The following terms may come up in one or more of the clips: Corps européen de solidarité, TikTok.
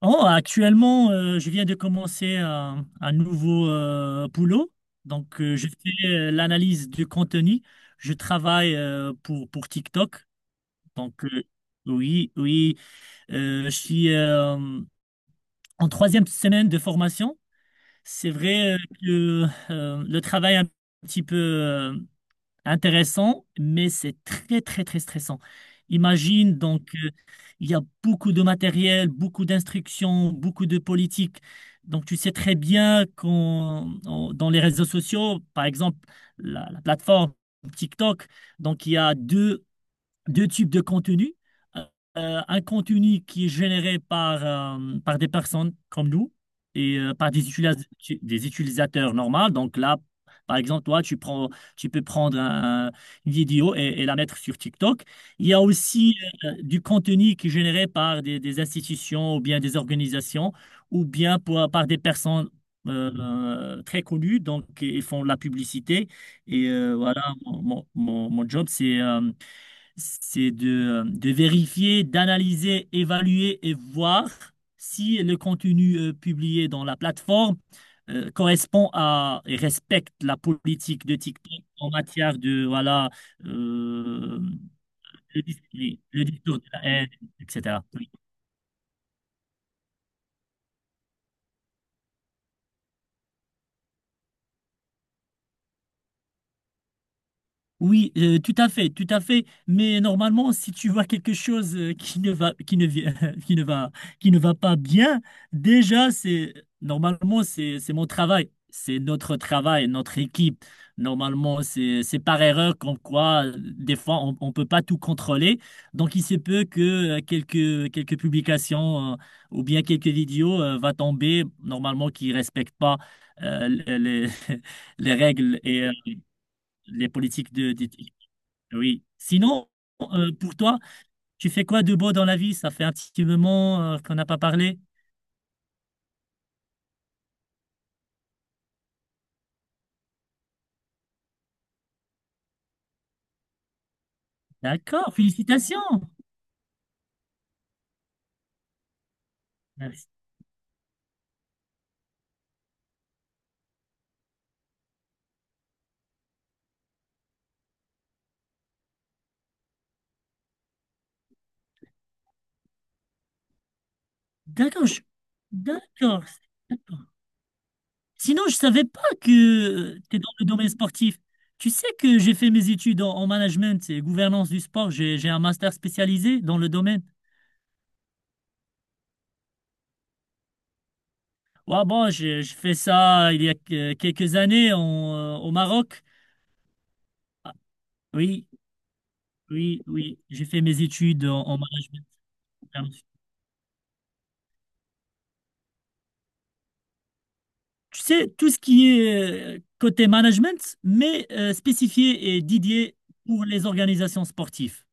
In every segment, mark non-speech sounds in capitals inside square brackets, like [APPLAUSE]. Oh, actuellement, je viens de commencer un nouveau boulot. Donc, je fais l'analyse du contenu. Je travaille pour TikTok. Donc, euh, oui, oui, je suis en troisième semaine de formation. C'est vrai que le travail est un petit peu intéressant, mais c'est très, très, très stressant. Imagine. Il y a beaucoup de matériel, beaucoup d'instructions, beaucoup de politique. Donc, tu sais très bien qu'on, on- dans les réseaux sociaux, par exemple, la plateforme TikTok, donc, il y a deux types de contenus. Euh, un contenu qui est généré par, par des personnes comme nous et par des utilisateurs normaux. Donc là, par exemple, toi, tu peux prendre une vidéo et la mettre sur TikTok. Il y a aussi du contenu qui est généré par des institutions ou bien des organisations ou bien par des personnes très connues. Donc, ils font de la publicité. Et voilà, mon job, c'est de vérifier, d'analyser, évaluer et voir si le contenu publié dans la plateforme correspond à et respecte la politique de TikTok en matière de voilà euh, le discours de la haine, etc. Oui, tout à fait, tout à fait. Mais normalement, si tu vois quelque chose qui ne va, qui ne, vi- [LAUGHS] qui ne va, qui ne va pas bien, déjà, c'est normalement c'est mon travail, c'est notre travail, notre équipe. Normalement, c'est par erreur comme quoi des fois on peut pas tout contrôler. Donc il se peut que quelques publications ou bien quelques vidéos va tomber normalement qui respectent pas les [LAUGHS] les règles et les politiques de d'éthique. Oui. Sinon, pour toi, tu fais quoi de beau dans la vie? Ça fait un petit moment qu'on n'a pas parlé. D'accord, félicitations. Merci. D'accord, je- d'accord, d'accord. Sinon, je savais pas que tu es dans le domaine sportif. Tu sais que j'ai fait mes études en management et gouvernance du sport. J'ai un master spécialisé dans le domaine. Ouais, bon, j'ai fait ça il y a quelques années en, au Maroc. Oui, oui, oui. J'ai fait mes études en management. Tu sais, tout ce qui est côté management, mais spécifié et dédié pour les organisations sportives.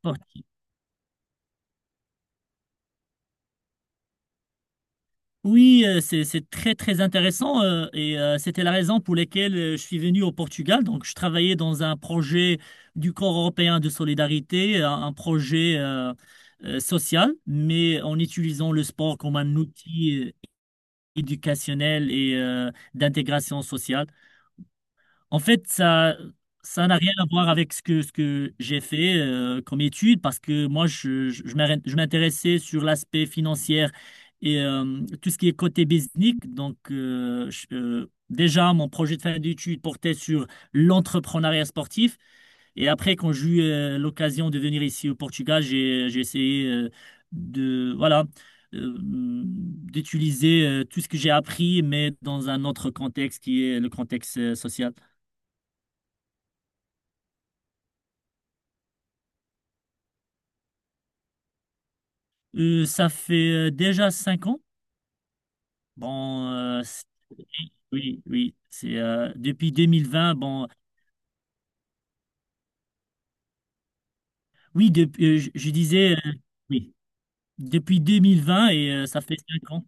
Sportives. Oui, c'est très, très intéressant et c'était la raison pour laquelle je suis venu au Portugal. Donc, je travaillais dans un projet du Corps européen de solidarité, un projet social, mais en utilisant le sport comme un outil éducationnel et d'intégration sociale. En fait, ça n'a rien à voir avec ce que j'ai fait comme étude parce que moi, je m'intéressais sur l'aspect financier et tout ce qui est côté business. Déjà, mon projet de fin d'études portait sur l'entrepreneuriat sportif. Et après, quand j'ai eu l'occasion de venir ici au Portugal, j'ai essayé voilà, d'utiliser tout ce que j'ai appris, mais dans un autre contexte qui est le contexte social. Ça fait déjà cinq ans. Bon, euh, c'est- oui, oui, c'est depuis 2020. Oui, depuis, je disais, oui, depuis 2020 et ça fait cinq ans.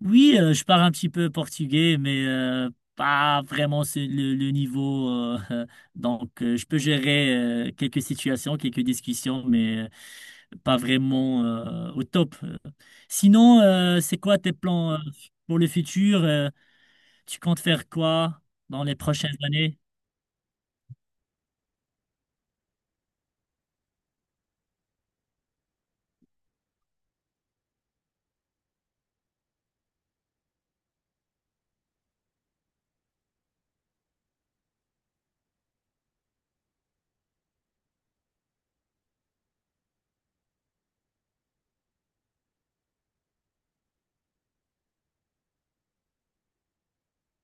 Oui, je parle un petit peu portugais, mais pas vraiment c'est le niveau. [LAUGHS] Donc, je peux gérer quelques situations, quelques discussions, mais pas vraiment au top. Sinon, c'est quoi tes plans pour le futur? Tu comptes faire quoi dans les prochaines années?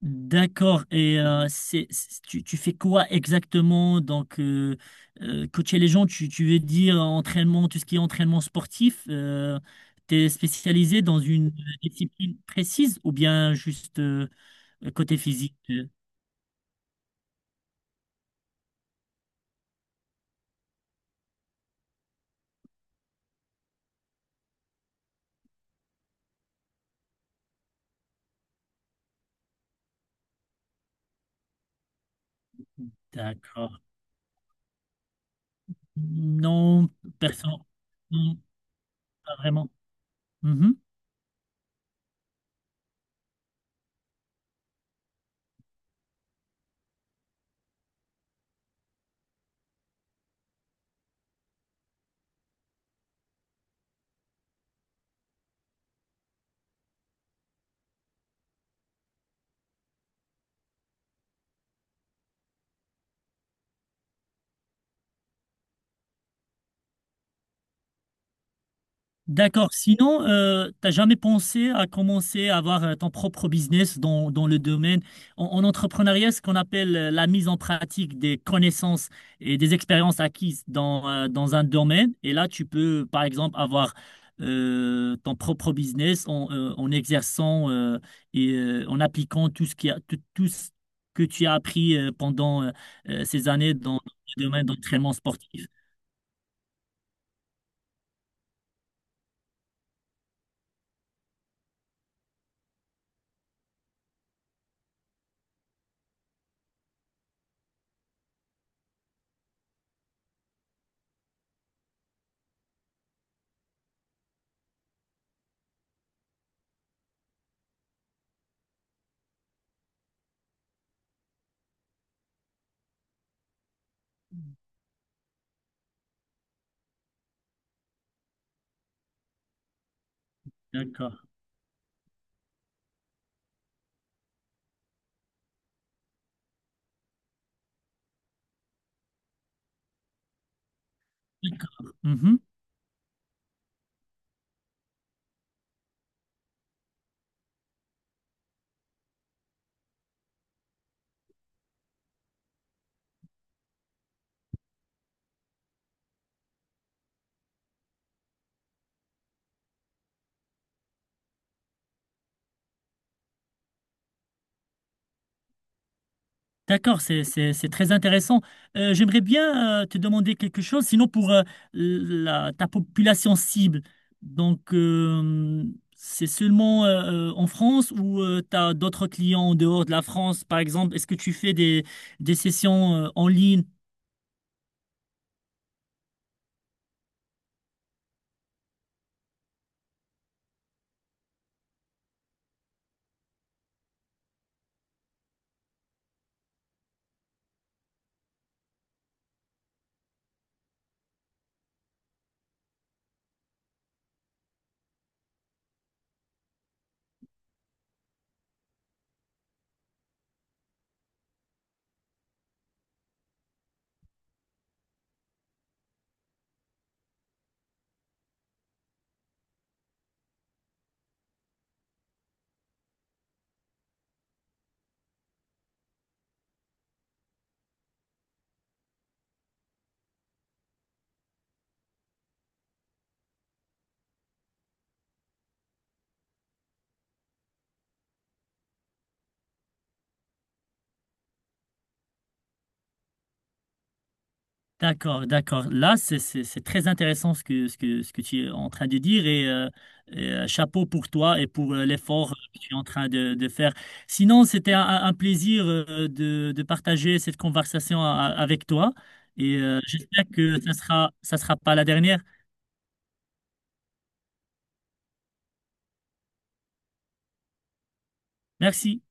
D'accord. Et tu fais quoi exactement? Coacher les gens, tu veux dire entraînement, tout ce qui est entraînement sportif, t'es spécialisé dans une discipline précise ou bien juste côté physique? Euh? D'accord. Non, personne. Non, pas vraiment. Mhm. D'accord. Sinon, t'as jamais pensé à commencer à avoir ton propre business dans le domaine en entrepreneuriat, ce qu'on appelle la mise en pratique des connaissances et des expériences acquises dans un domaine. Et là, tu peux, par exemple, avoir ton propre business en exerçant et en appliquant tout ce qui a, tout, tout ce que tu as appris pendant ces années dans le domaine d'entraînement sportif. D'accord. D'accord. Mhm. D'accord, c'est très intéressant. J'aimerais bien te demander quelque chose, sinon pour ta population cible. Donc, c'est seulement en France ou tu as d'autres clients en dehors de la France, par exemple? Est-ce que tu fais des sessions en ligne. D'accord, d'accord. Là, c'est très intéressant ce que tu es en train de dire et, chapeau pour toi et pour l'effort que tu es en train de faire. Sinon, c'était un plaisir de partager cette conversation avec toi et j'espère que ça sera pas la dernière. Merci.